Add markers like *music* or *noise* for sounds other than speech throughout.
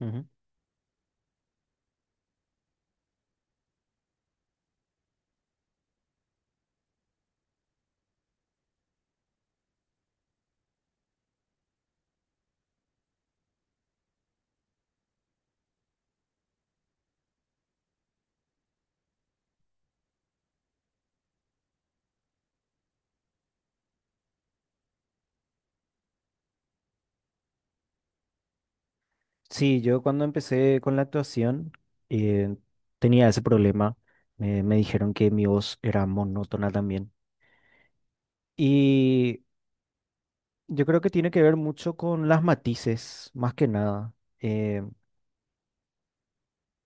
Ujú. Sí, yo cuando empecé con la actuación eh, tenía ese problema. Me dijeron que mi voz era monótona también. Y yo creo que tiene que ver mucho con las matices, más que nada. Eh,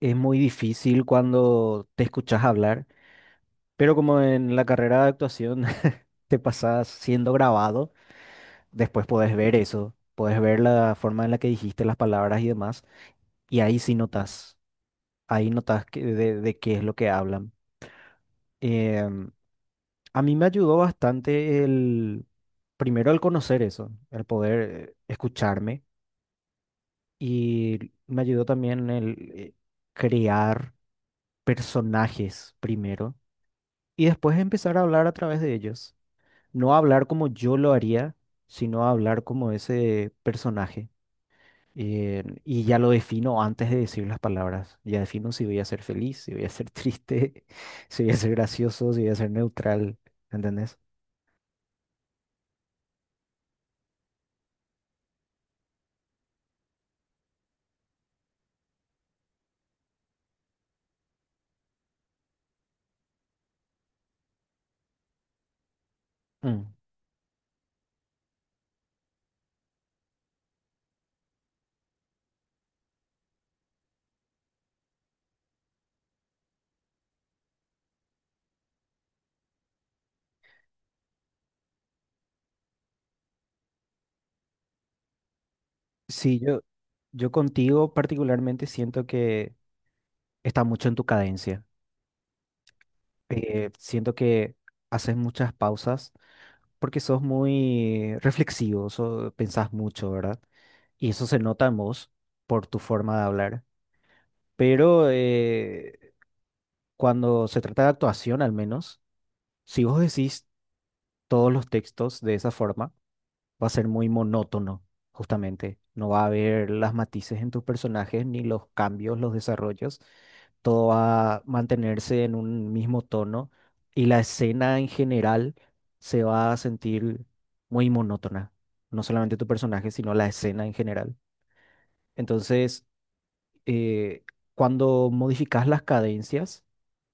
es muy difícil cuando te escuchas hablar, pero como en la carrera de actuación *laughs* te pasas siendo grabado, después podés ver eso, podés ver la forma en la que dijiste las palabras y demás, y ahí sí notas, ahí notas de qué es lo que hablan. Em, a mí me ayudó bastante el, primero el conocer eso, el poder escucharme, y me ayudó también el crear personajes primero y después empezar a hablar a través de ellos. No hablar como yo lo haría, sino hablar como ese personaje. Y ya lo defino antes de decir las palabras. Ya defino si voy a ser feliz, si voy a ser triste, *laughs* si voy a ser gracioso, si voy a ser neutral. ¿Entendés? Mm. Sí, yo contigo particularmente siento que está mucho en tu cadencia. Siento que haces muchas pausas porque sos muy reflexivo, pensás mucho, ¿verdad? Y eso se nota en vos por tu forma de hablar. Pero cuando se trata de actuación, al menos, si vos decís todos los textos de esa forma, va a ser muy monótono, justamente. No va a haber las matices en tus personajes, ni los cambios, los desarrollos. Todo va a mantenerse en un mismo tono y la escena en general se va a sentir muy monótona. No solamente tu personaje, sino la escena en general. Entonces, eh, cuando modificas las cadencias,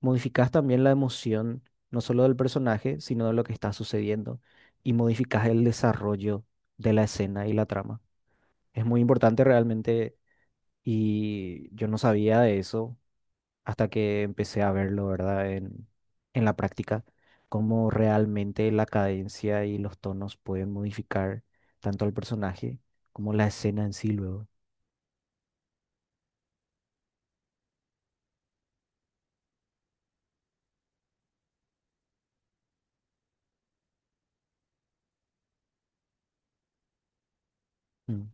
modificas también la emoción, no solo del personaje, sino de lo que está sucediendo, y modificas el desarrollo de la escena y la trama. Es muy importante realmente, y yo no sabía de eso hasta que empecé a verlo, ¿verdad? En la práctica, cómo realmente la cadencia y los tonos pueden modificar tanto al personaje como la escena en sí luego. Mm,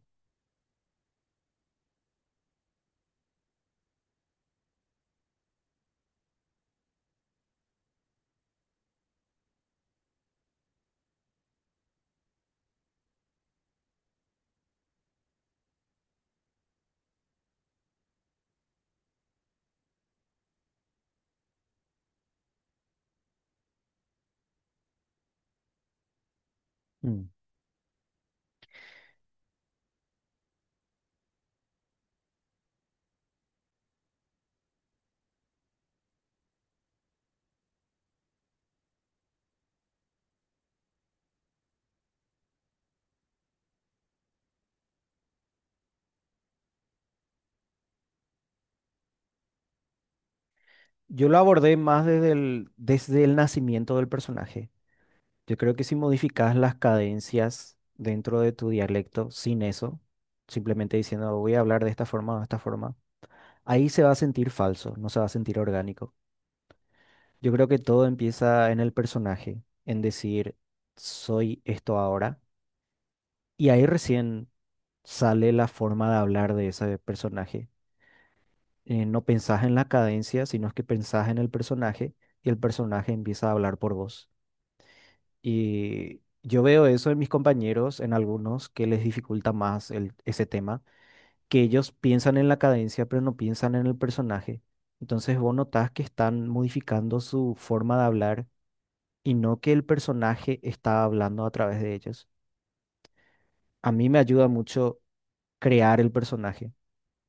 mm. Yo lo abordé más desde el nacimiento del personaje. Yo creo que si modificas las cadencias dentro de tu dialecto sin eso, simplemente diciendo voy a hablar de esta forma o de esta forma, ahí se va a sentir falso, no se va a sentir orgánico. Yo creo que todo empieza en el personaje, en decir soy esto ahora, y ahí recién sale la forma de hablar de ese personaje. No pensás en la cadencia, sino es que pensás en el personaje y el personaje empieza a hablar por vos. Y yo veo eso en mis compañeros, en algunos, que les dificulta más ese tema, que ellos piensan en la cadencia, pero no piensan en el personaje. Entonces vos notás que están modificando su forma de hablar y no que el personaje está hablando a través de ellos. A mí me ayuda mucho crear el personaje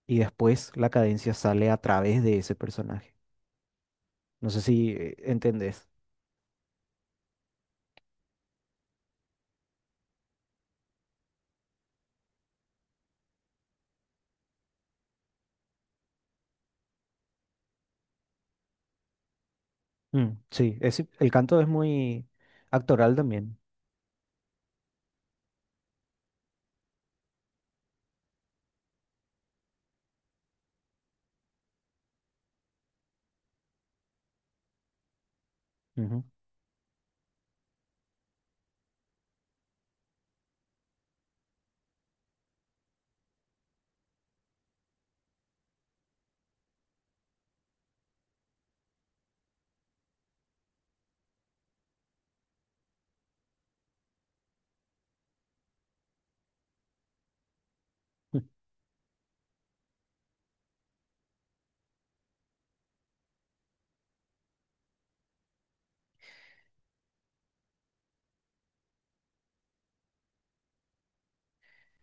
y después la cadencia sale a través de ese personaje. No sé si entendés. Mm, sí, el canto es muy actoral también. Ujú.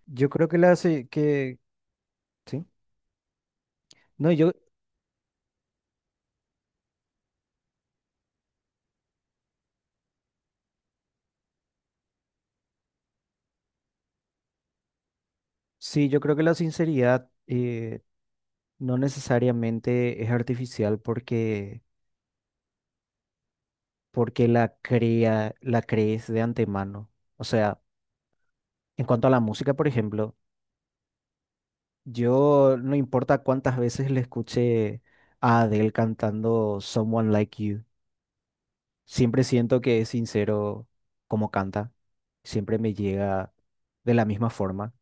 Yo creo que sí. No, yo sí, yo creo que la sinceridad no necesariamente es artificial porque la crea, la crees de antemano. O sea, en cuanto a la música, por ejemplo, yo no importa cuántas veces le escuché a Adele cantando Someone Like You, siempre siento que es sincero como canta, siempre me llega de la misma forma.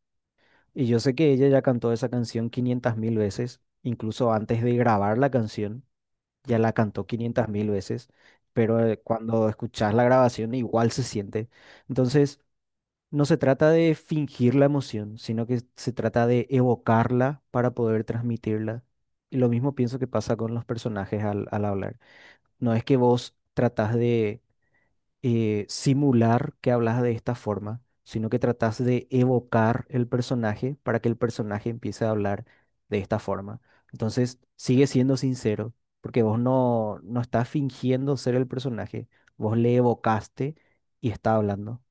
Y yo sé que ella ya cantó esa canción 500 mil veces, incluso antes de grabar la canción, ya la cantó 500 mil veces, pero cuando escuchas la grabación igual se siente. Entonces, no se trata de fingir la emoción, sino que se trata de evocarla para poder transmitirla. Y lo mismo pienso que pasa con los personajes al, al hablar. No es que vos tratás de simular que hablas de esta forma, sino que tratas de evocar el personaje para que el personaje empiece a hablar de esta forma. Entonces, sigue siendo sincero, porque vos no, no estás fingiendo ser el personaje, vos le evocaste y está hablando.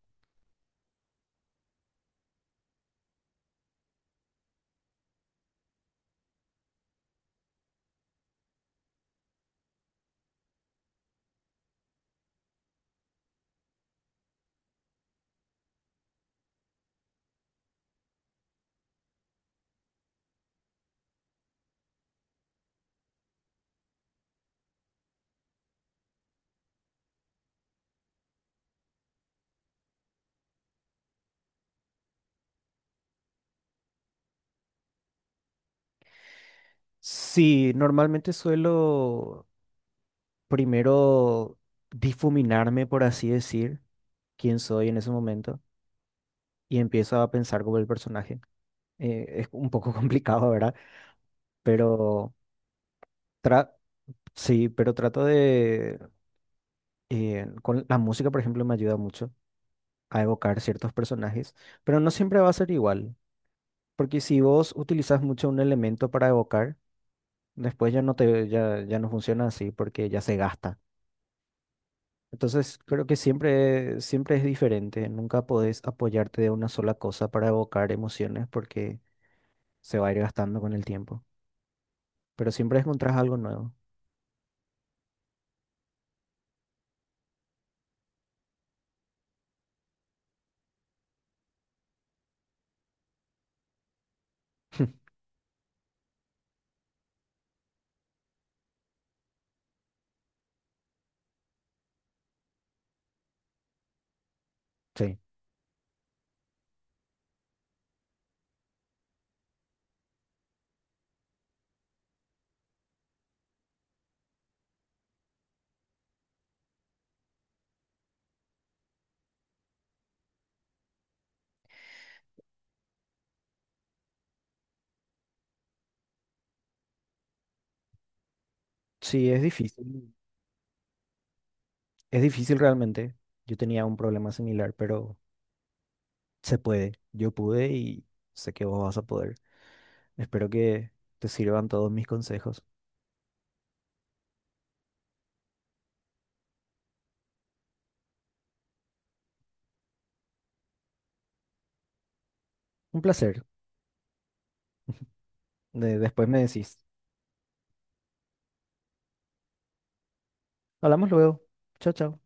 Sí, normalmente suelo primero difuminarme, por así decir, quién soy en ese momento, y empiezo a pensar como el personaje. Es un poco *laughs* complicado, ¿verdad? Pero Tra- sí, pero trato de con la música, por ejemplo, me ayuda mucho a evocar ciertos personajes, pero no siempre va a ser igual, porque si vos utilizas mucho un elemento para evocar, después ya no funciona así porque ya se gasta. Entonces, creo que siempre, siempre es diferente, nunca podés apoyarte de una sola cosa para evocar emociones porque se va a ir gastando con el tiempo, pero siempre encontrás algo nuevo. *laughs* Sí, sí, es difícil. Es difícil realmente. Yo tenía un problema similar, pero se puede. Yo pude y sé que vos vas a poder. Espero que te sirvan todos mis consejos. Un placer. Después me decís. Hablamos luego. Chao, chao.